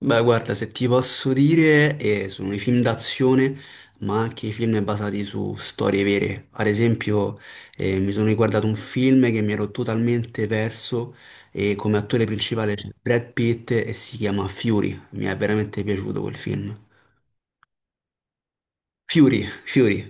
Beh, guarda, se ti posso dire, sono i film d'azione, ma anche i film basati su storie vere. Ad esempio, mi sono riguardato un film che mi ero totalmente perso e come attore principale c'è Brad Pitt e si chiama Fury. Mi è veramente piaciuto quel film. Fury, Fury.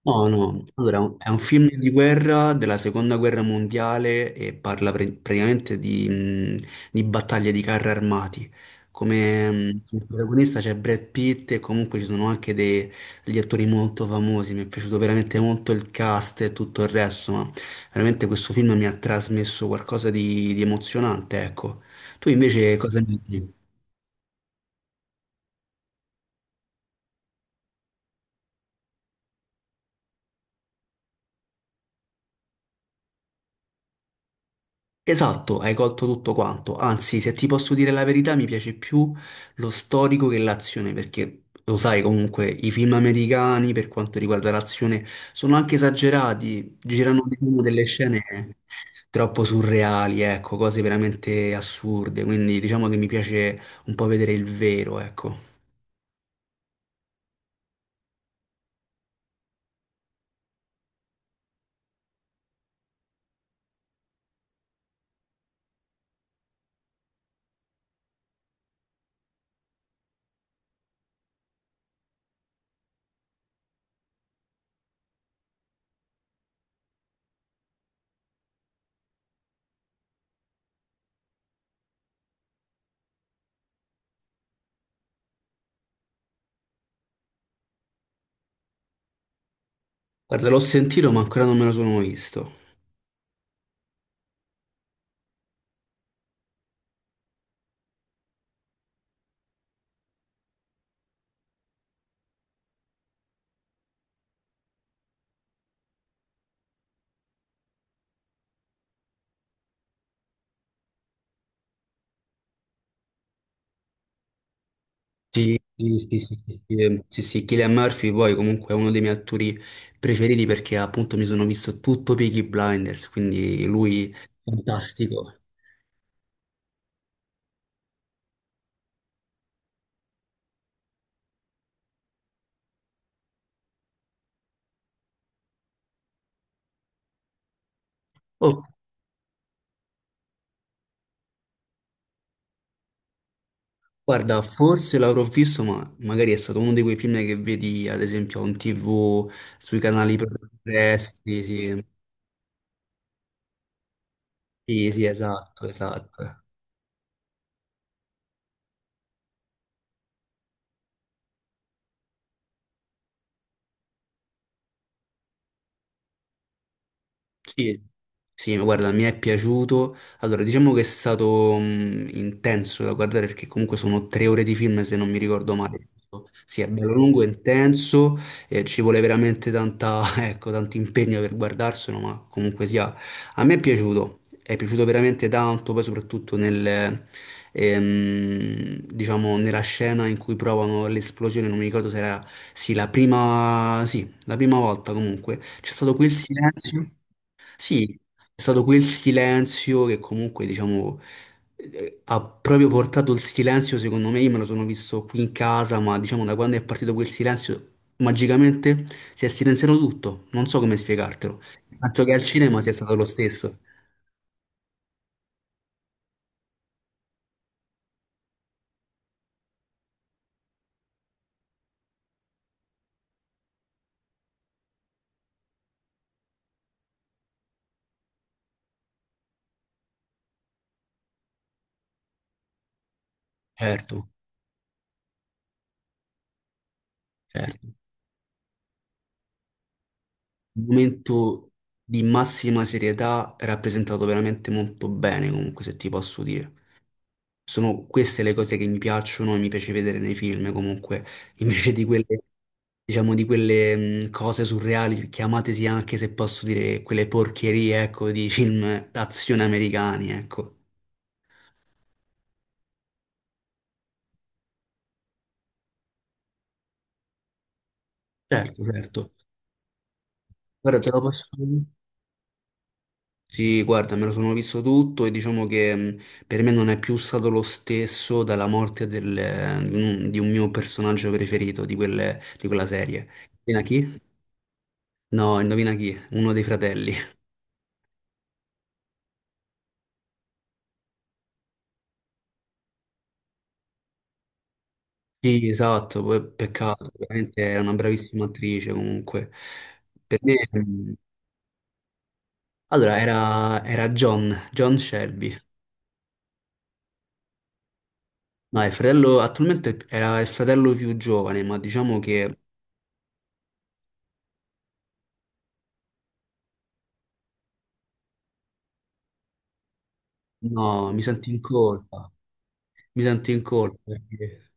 No, no, allora è un film di guerra della seconda guerra mondiale e parla praticamente di battaglie di carri armati. Come protagonista c'è Brad Pitt e comunque ci sono anche degli attori molto famosi. Mi è piaciuto veramente molto il cast e tutto il resto, ma veramente questo film mi ha trasmesso qualcosa di emozionante, ecco. Tu invece cosa ne dici? Esatto, hai colto tutto quanto. Anzi, se ti posso dire la verità, mi piace più lo storico che l'azione, perché lo sai comunque, i film americani per quanto riguarda l'azione sono anche esagerati, girano diciamo delle scene troppo surreali, ecco, cose veramente assurde, quindi diciamo che mi piace un po' vedere il vero, ecco. Guarda, l'ho sentito, ma ancora non me lo sono visto. Sì, sì, sì, sì, sì, sì, sì, sì, Cillian Murphy poi comunque è uno dei miei attori preferiti perché appunto mi sono visto tutto Peaky Blinders, quindi lui fantastico. Oh, guarda, forse l'avrò visto, ma magari è stato uno di quei film che vedi ad esempio on TV, sui canali terrestri, sì. Sì, sì, esatto, esatto. Sì, sì, ma guarda, mi è piaciuto. Allora, diciamo che è stato intenso da guardare perché comunque sono tre ore di film, se non mi ricordo male. Sì, è bello lungo, intenso, ci vuole veramente tanta, ecco, tanto impegno per guardarselo, ma comunque sia, a me è piaciuto veramente tanto, poi soprattutto diciamo, nella scena in cui provano l'esplosione, non mi ricordo se era, sì, la prima volta comunque, c'è stato quel silenzio. Sì, è stato quel silenzio che comunque, diciamo, ha proprio portato il silenzio, secondo me, io me lo sono visto qui in casa, ma diciamo da quando è partito quel silenzio, magicamente si è silenziato tutto, non so come spiegartelo. Tanto che al cinema sia stato lo stesso, certo, certo. Un momento di massima serietà rappresentato veramente molto bene, comunque, se ti posso dire. Sono queste le cose che mi piacciono e mi piace vedere nei film, comunque, invece di quelle diciamo, di quelle cose surreali, chiamatesi anche se posso dire quelle porcherie, ecco, di film d'azione americani, ecco. Certo, certo. Guarda, te lo posso dire? Sì, guarda, me lo sono visto tutto e diciamo che per me non è più stato lo stesso dalla morte di un mio personaggio preferito di quella serie. Indovina chi? No, indovina chi? Uno dei fratelli. Sì, esatto, poi peccato, veramente era una bravissima attrice comunque. Per me... mhmm. Allora, era John, John Shelby. No, il fratello, attualmente era il fratello più giovane, ma diciamo che no, mi sento in colpa, mi sento in colpa perché.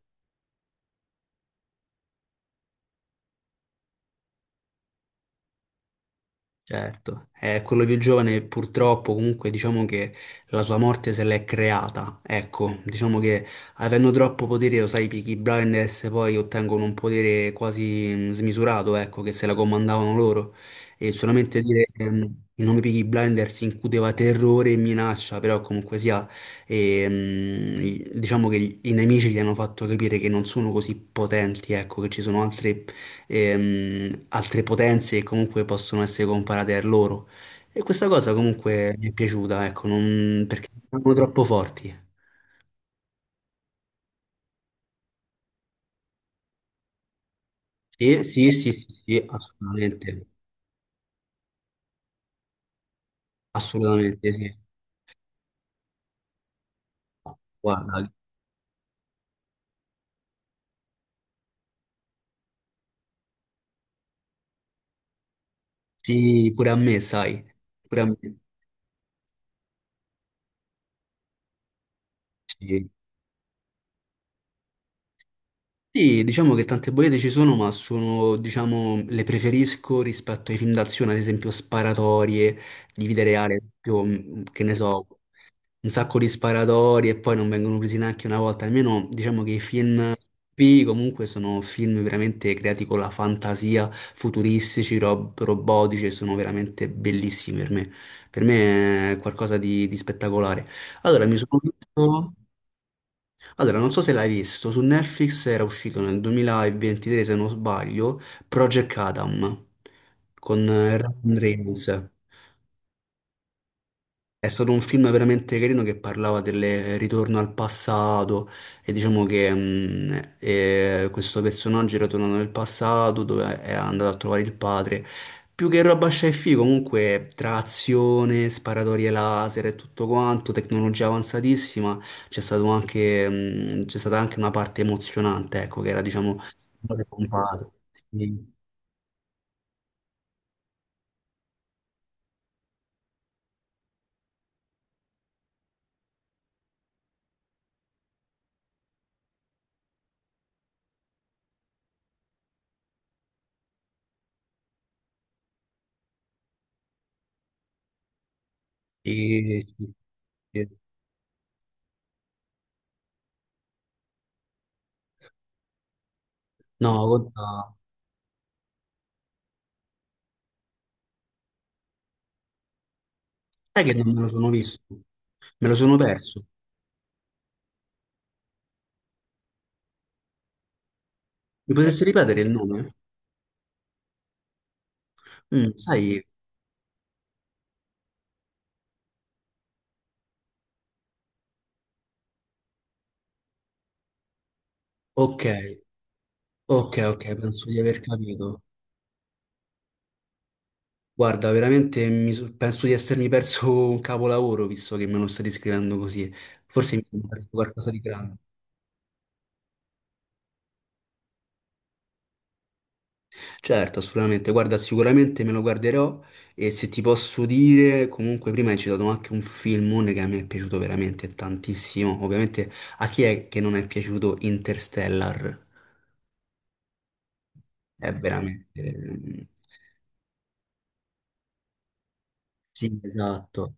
Certo. Quello più giovane purtroppo comunque diciamo che la sua morte se l'è creata, ecco, diciamo che avendo troppo potere, lo sai, i Peaky Blinders poi ottengono un potere quasi smisurato, ecco, che se la comandavano loro e solamente dire il nome Peaky Blinders incuteva terrore e minaccia, però comunque sia, diciamo che i nemici gli hanno fatto capire che non sono così potenti, ecco, che ci sono altre potenze che comunque possono essere comparate a loro. E questa cosa comunque mi è piaciuta, ecco, perché non sono troppo forti. Sì, sì, sì, sì, sì, assolutamente, assolutamente sì. Guarda, sì, pure a me, sai, pure a me. Sì. Sì, diciamo che tante bollette ci sono, ma sono, diciamo, le preferisco rispetto ai film d'azione, ad esempio sparatorie, di vita reale, ad esempio, che ne so, un sacco di sparatori e poi non vengono presi neanche una volta. Almeno diciamo che i film P comunque sono film veramente creati con la fantasia, futuristici, robotici e sono veramente bellissimi per me. Per me è qualcosa di spettacolare. Allora, mi sono visto... Allora, non so se l'hai visto, su Netflix era uscito nel 2023, se non sbaglio, Project Adam con Ryan Reynolds. È stato un film veramente carino che parlava del ritorno al passato e diciamo che questo personaggio era tornato nel passato dove è andato a trovare il padre. Più che roba sci fi comunque tra azione, sparatorie laser e tutto quanto, tecnologia avanzatissima, c'è stata anche una parte emozionante, ecco, che era diciamo un po' pompato. Sì, sì, sì, sì. No, guarda, sai che non me lo sono visto, me lo sono perso. Mi potresti ripetere il, sì, nome? Sai, ok, ok, ok, penso di aver capito. Guarda, veramente penso di essermi perso un capolavoro, visto che me lo stai scrivendo così. Forse mi sono perso qualcosa di grande. Certo, assolutamente. Guarda, sicuramente me lo guarderò e se ti posso dire, comunque prima hai citato anche un filmone che a me è piaciuto veramente tantissimo. Ovviamente a chi è che non è piaciuto Interstellar? È veramente... mm, sì, esatto.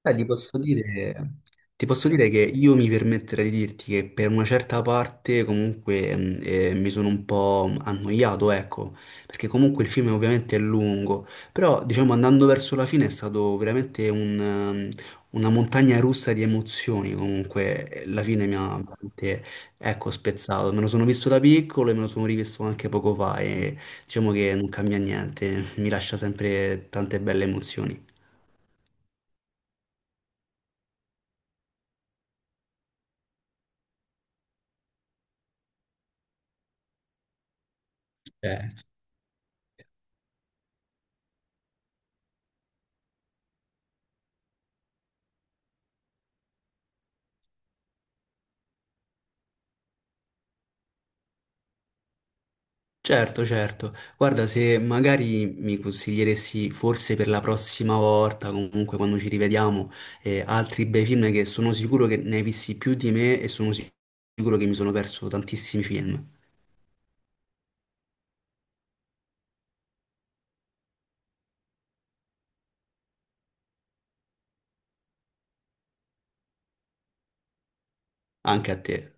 Beh, ti posso dire che io mi permetterei di dirti che per una certa parte comunque mi sono un po' annoiato, ecco, perché comunque il film ovviamente è lungo, però diciamo andando verso la fine è stato veramente una montagna russa di emozioni, comunque la fine mi ha veramente, ecco, spezzato, me lo sono visto da piccolo e me lo sono rivisto anche poco fa e diciamo che non cambia niente, mi lascia sempre tante belle emozioni. Eh, Certo, certo. Guarda, se magari mi consiglieresti forse per la prossima volta, comunque quando ci rivediamo, altri bei film che sono sicuro che ne hai visti più di me e sono sicuro che mi sono perso tantissimi film, anche a te.